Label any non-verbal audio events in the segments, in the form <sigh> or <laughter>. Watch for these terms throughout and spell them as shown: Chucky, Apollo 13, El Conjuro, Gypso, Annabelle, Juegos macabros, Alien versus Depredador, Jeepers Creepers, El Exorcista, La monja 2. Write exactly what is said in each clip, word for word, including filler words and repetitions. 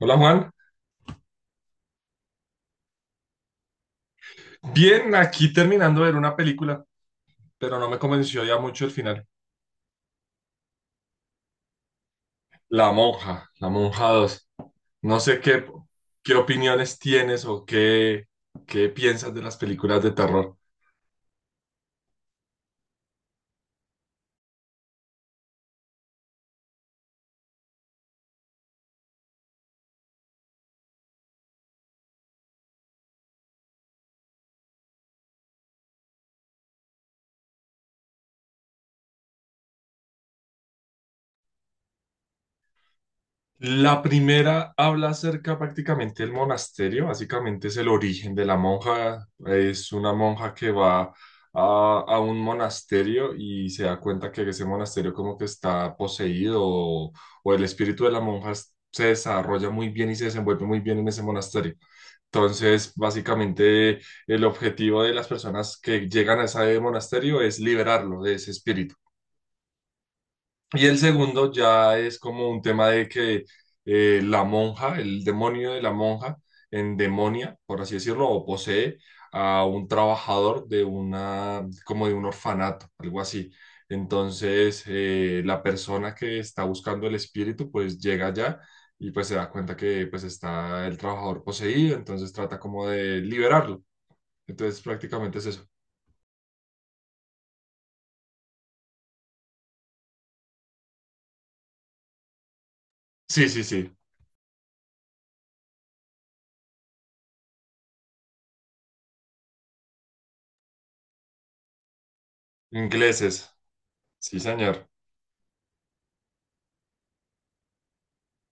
Hola Juan. Bien, aquí terminando de ver una película, pero no me convenció ya mucho el final. La monja, La monja dos. No sé qué, qué opiniones tienes o qué, qué piensas de las películas de terror. La primera habla acerca prácticamente del monasterio, básicamente es el origen de la monja, es una monja que va a, a un monasterio y se da cuenta que ese monasterio como que está poseído o, o el espíritu de la monja es- se desarrolla muy bien y se desenvuelve muy bien en ese monasterio. Entonces, básicamente el objetivo de las personas que llegan a ese monasterio es liberarlo de ese espíritu. Y el segundo ya es como un tema de que eh, la monja, el demonio de la monja, endemonia, por así decirlo, o posee a un trabajador de una, como de un orfanato, algo así. Entonces, eh, la persona que está buscando el espíritu, pues llega allá y pues se da cuenta que pues está el trabajador poseído, entonces trata como de liberarlo. Entonces, prácticamente es eso. Sí, sí, sí. Ingleses. Sí, señor.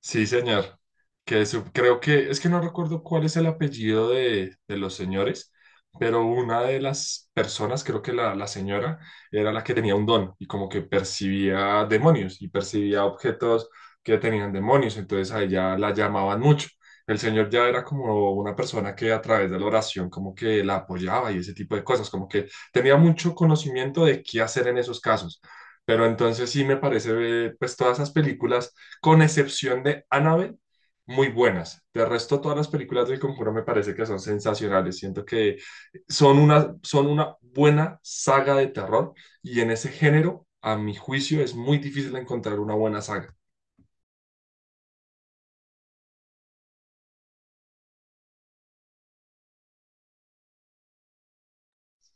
Sí, señor. Que su- creo que, es que no recuerdo cuál es el apellido de, de los señores, pero una de las personas, creo que la, la señora, era la que tenía un don y como que percibía demonios y percibía objetos que tenían demonios, entonces a ella la llamaban mucho. El señor ya era como una persona que a través de la oración como que la apoyaba y ese tipo de cosas, como que tenía mucho conocimiento de qué hacer en esos casos. Pero entonces sí me parece, eh, pues todas esas películas con excepción de Annabelle, muy buenas. De resto, todas las películas del Conjuro me parece que son sensacionales. Siento que son una, son una buena saga de terror y en ese género, a mi juicio, es muy difícil encontrar una buena saga.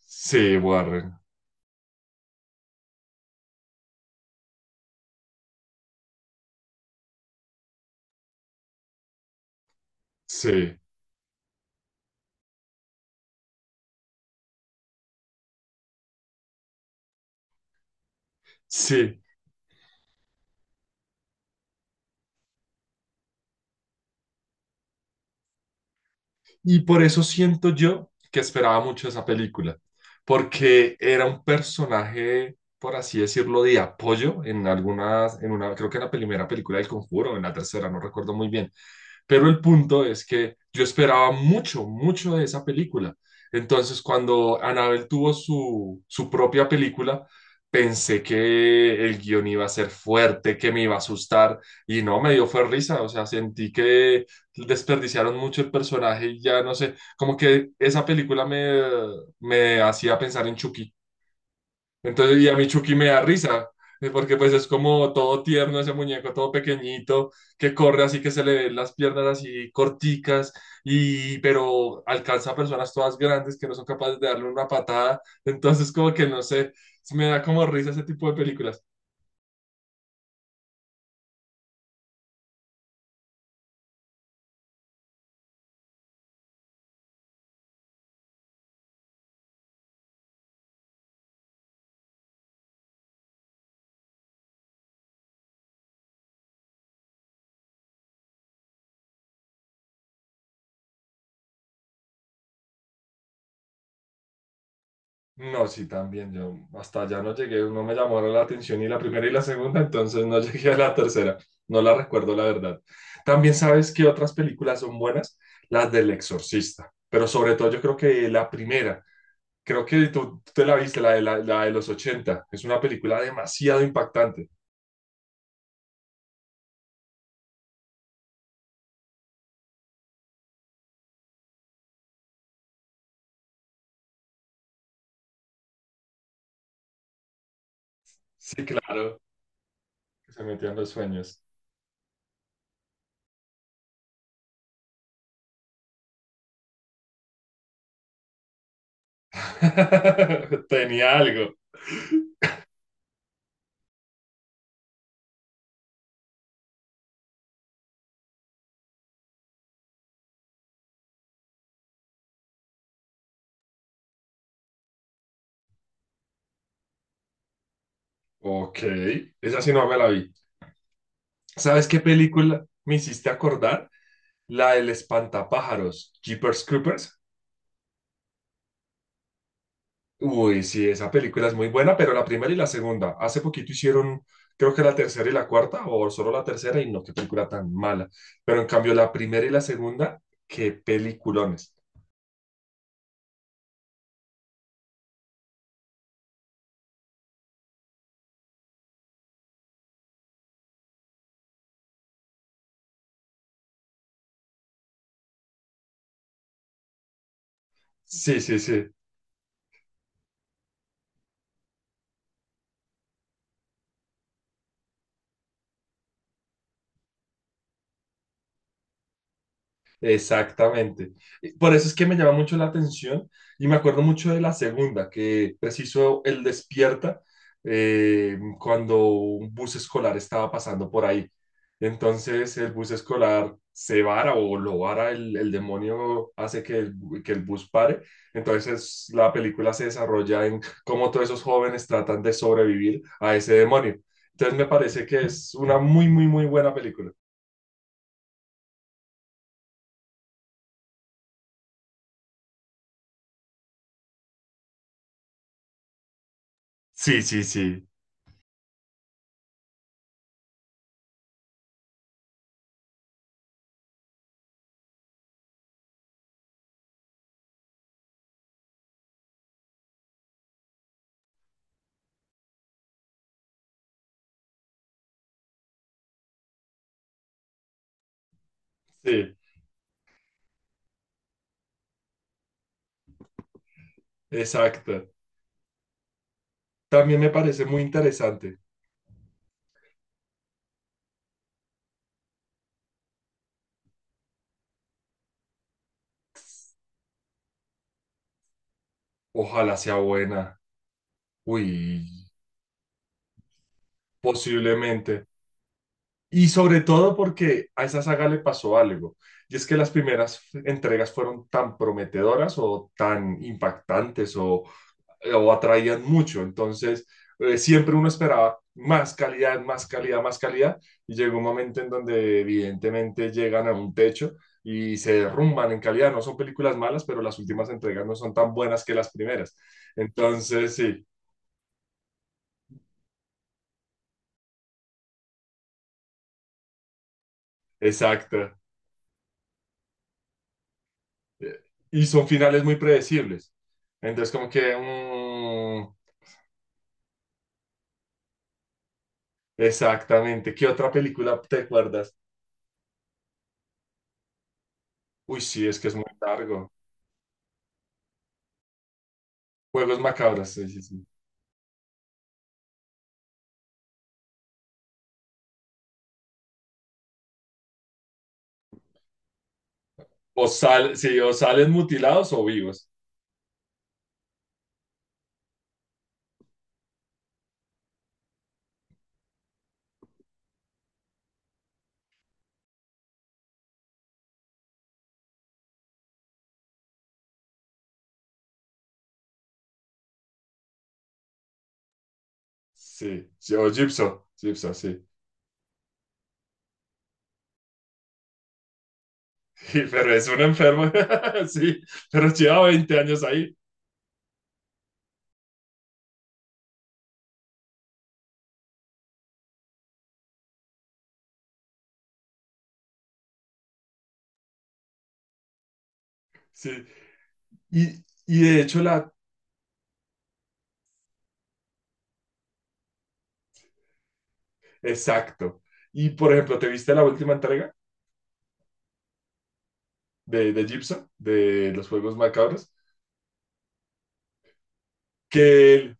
Sí, Warren. Sí, sí. Y por eso siento yo que esperaba mucho esa película, porque era un personaje, por así decirlo, de apoyo en algunas, en una, creo que en la primera película del Conjuro, en la tercera, no recuerdo muy bien. Pero el punto es que yo esperaba mucho, mucho de esa película. Entonces, cuando Annabelle tuvo su, su propia película, pensé que el guión iba a ser fuerte, que me iba a asustar, y no, me dio fue risa, o sea, sentí que desperdiciaron mucho el personaje y ya no sé, como que esa película me, me hacía pensar en Chucky. Entonces, y a mí Chucky me da risa, eh, porque pues es como todo tierno ese muñeco, todo pequeñito, que corre así que se le ven las piernas así corticas, y pero alcanza a personas todas grandes que no son capaces de darle una patada. Entonces, como que no sé, me da como risa ese tipo de películas. No, sí, también. Yo hasta allá no llegué, no me llamaron la atención ni la primera y la segunda, <laughs> entonces no llegué a la tercera. No la recuerdo, la verdad. También sabes que otras películas son buenas, las del Exorcista, pero sobre todo yo creo que la primera, creo que tú, tú te la viste, la de, la, la de los ochenta, es una película demasiado impactante. Sí, claro, que se metían los sueños. <laughs> Tenía algo. Ok, esa sí no me la vi. ¿Sabes qué película me hiciste acordar? La del espantapájaros, Jeepers Creepers. Uy, sí, esa película es muy buena, pero la primera y la segunda. Hace poquito hicieron, creo que la tercera y la cuarta, o solo la tercera, y no, qué película tan mala. Pero en cambio, la primera y la segunda, qué peliculones. Sí, sí, sí. Exactamente. Por eso es que me llama mucho la atención y me acuerdo mucho de la segunda, que preciso el despierta eh, cuando un bus escolar estaba pasando por ahí. Entonces el bus escolar se vara o lo vara, el, el demonio hace que el, que el bus pare. Entonces la película se desarrolla en cómo todos esos jóvenes tratan de sobrevivir a ese demonio. Entonces me parece que es una muy, muy, muy buena película. Sí, sí, sí. Sí, exacto. También me parece muy interesante. Ojalá sea buena. Uy, posiblemente. Y sobre todo porque a esa saga le pasó algo. Y es que las primeras entregas fueron tan prometedoras o tan impactantes o, eh, o atraían mucho. Entonces, eh, siempre uno esperaba más calidad, más calidad, más calidad, y llegó un momento en donde evidentemente llegan a un techo y se derrumban en calidad. No son películas malas, pero las últimas entregas no son tan buenas que las primeras. Entonces, sí, exacto. Y son finales muy predecibles. Entonces, como que... mm, exactamente. ¿Qué otra película te acuerdas? Uy, sí, es que es muy largo. Juegos macabros, sí, sí, sí. O, sal, sí, o salen mutilados o vivos. Sí, sí, o Gypso, Gypso, sí. <laughs> Y- pero es un enfermo, <laughs> sí, pero lleva veinte años ahí. Sí. Y, y de hecho, la... Exacto. Y por ejemplo, ¿te viste la última entrega de, de Gypso, de los Juegos Macabros? Que él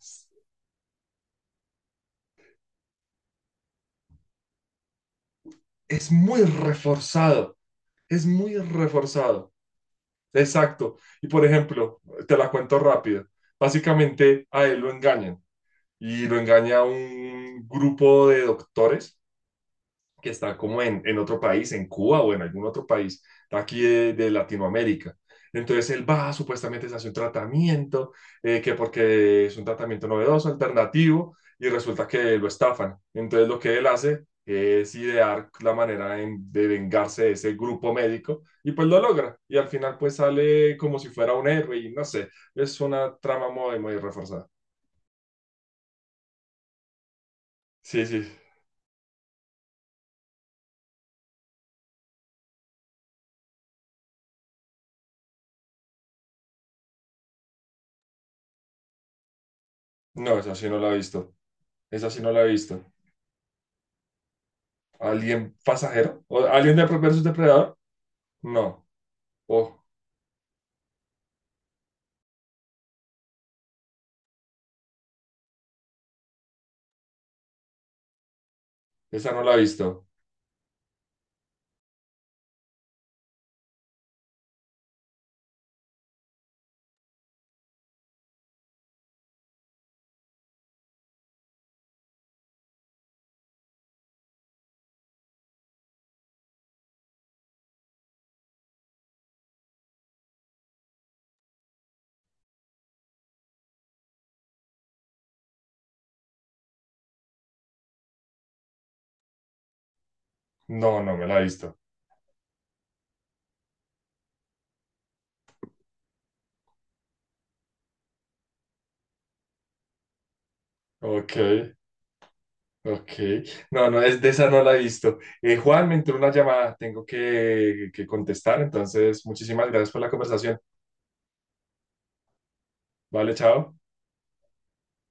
es muy reforzado, es muy reforzado. Exacto. Y por ejemplo, te la cuento rápido. Básicamente a él lo engañan y lo engaña un grupo de doctores que está como en, en otro país, en Cuba o en algún otro país de aquí de, de Latinoamérica. Entonces él va, supuestamente se hace un tratamiento, eh, que porque es un tratamiento novedoso, alternativo, y resulta que lo estafan. Entonces lo que él hace es idear la manera en- de vengarse de ese grupo médico y pues lo logra. Y al final pues sale como si fuera un héroe y no sé, es una trama muy, muy reforzada. Sí, sí. No, esa sí no la he visto. Esa sí no la he visto. ¿Alien pasajero? ¿O Alien de versus Depredador? No. Oh, esa no la he visto. No, no me la he visto. Ok, ok. No, no, es de esa no la he visto. Eh, Juan, me entró una llamada. Tengo que, que contestar. Entonces, muchísimas gracias por la conversación. Vale, chao.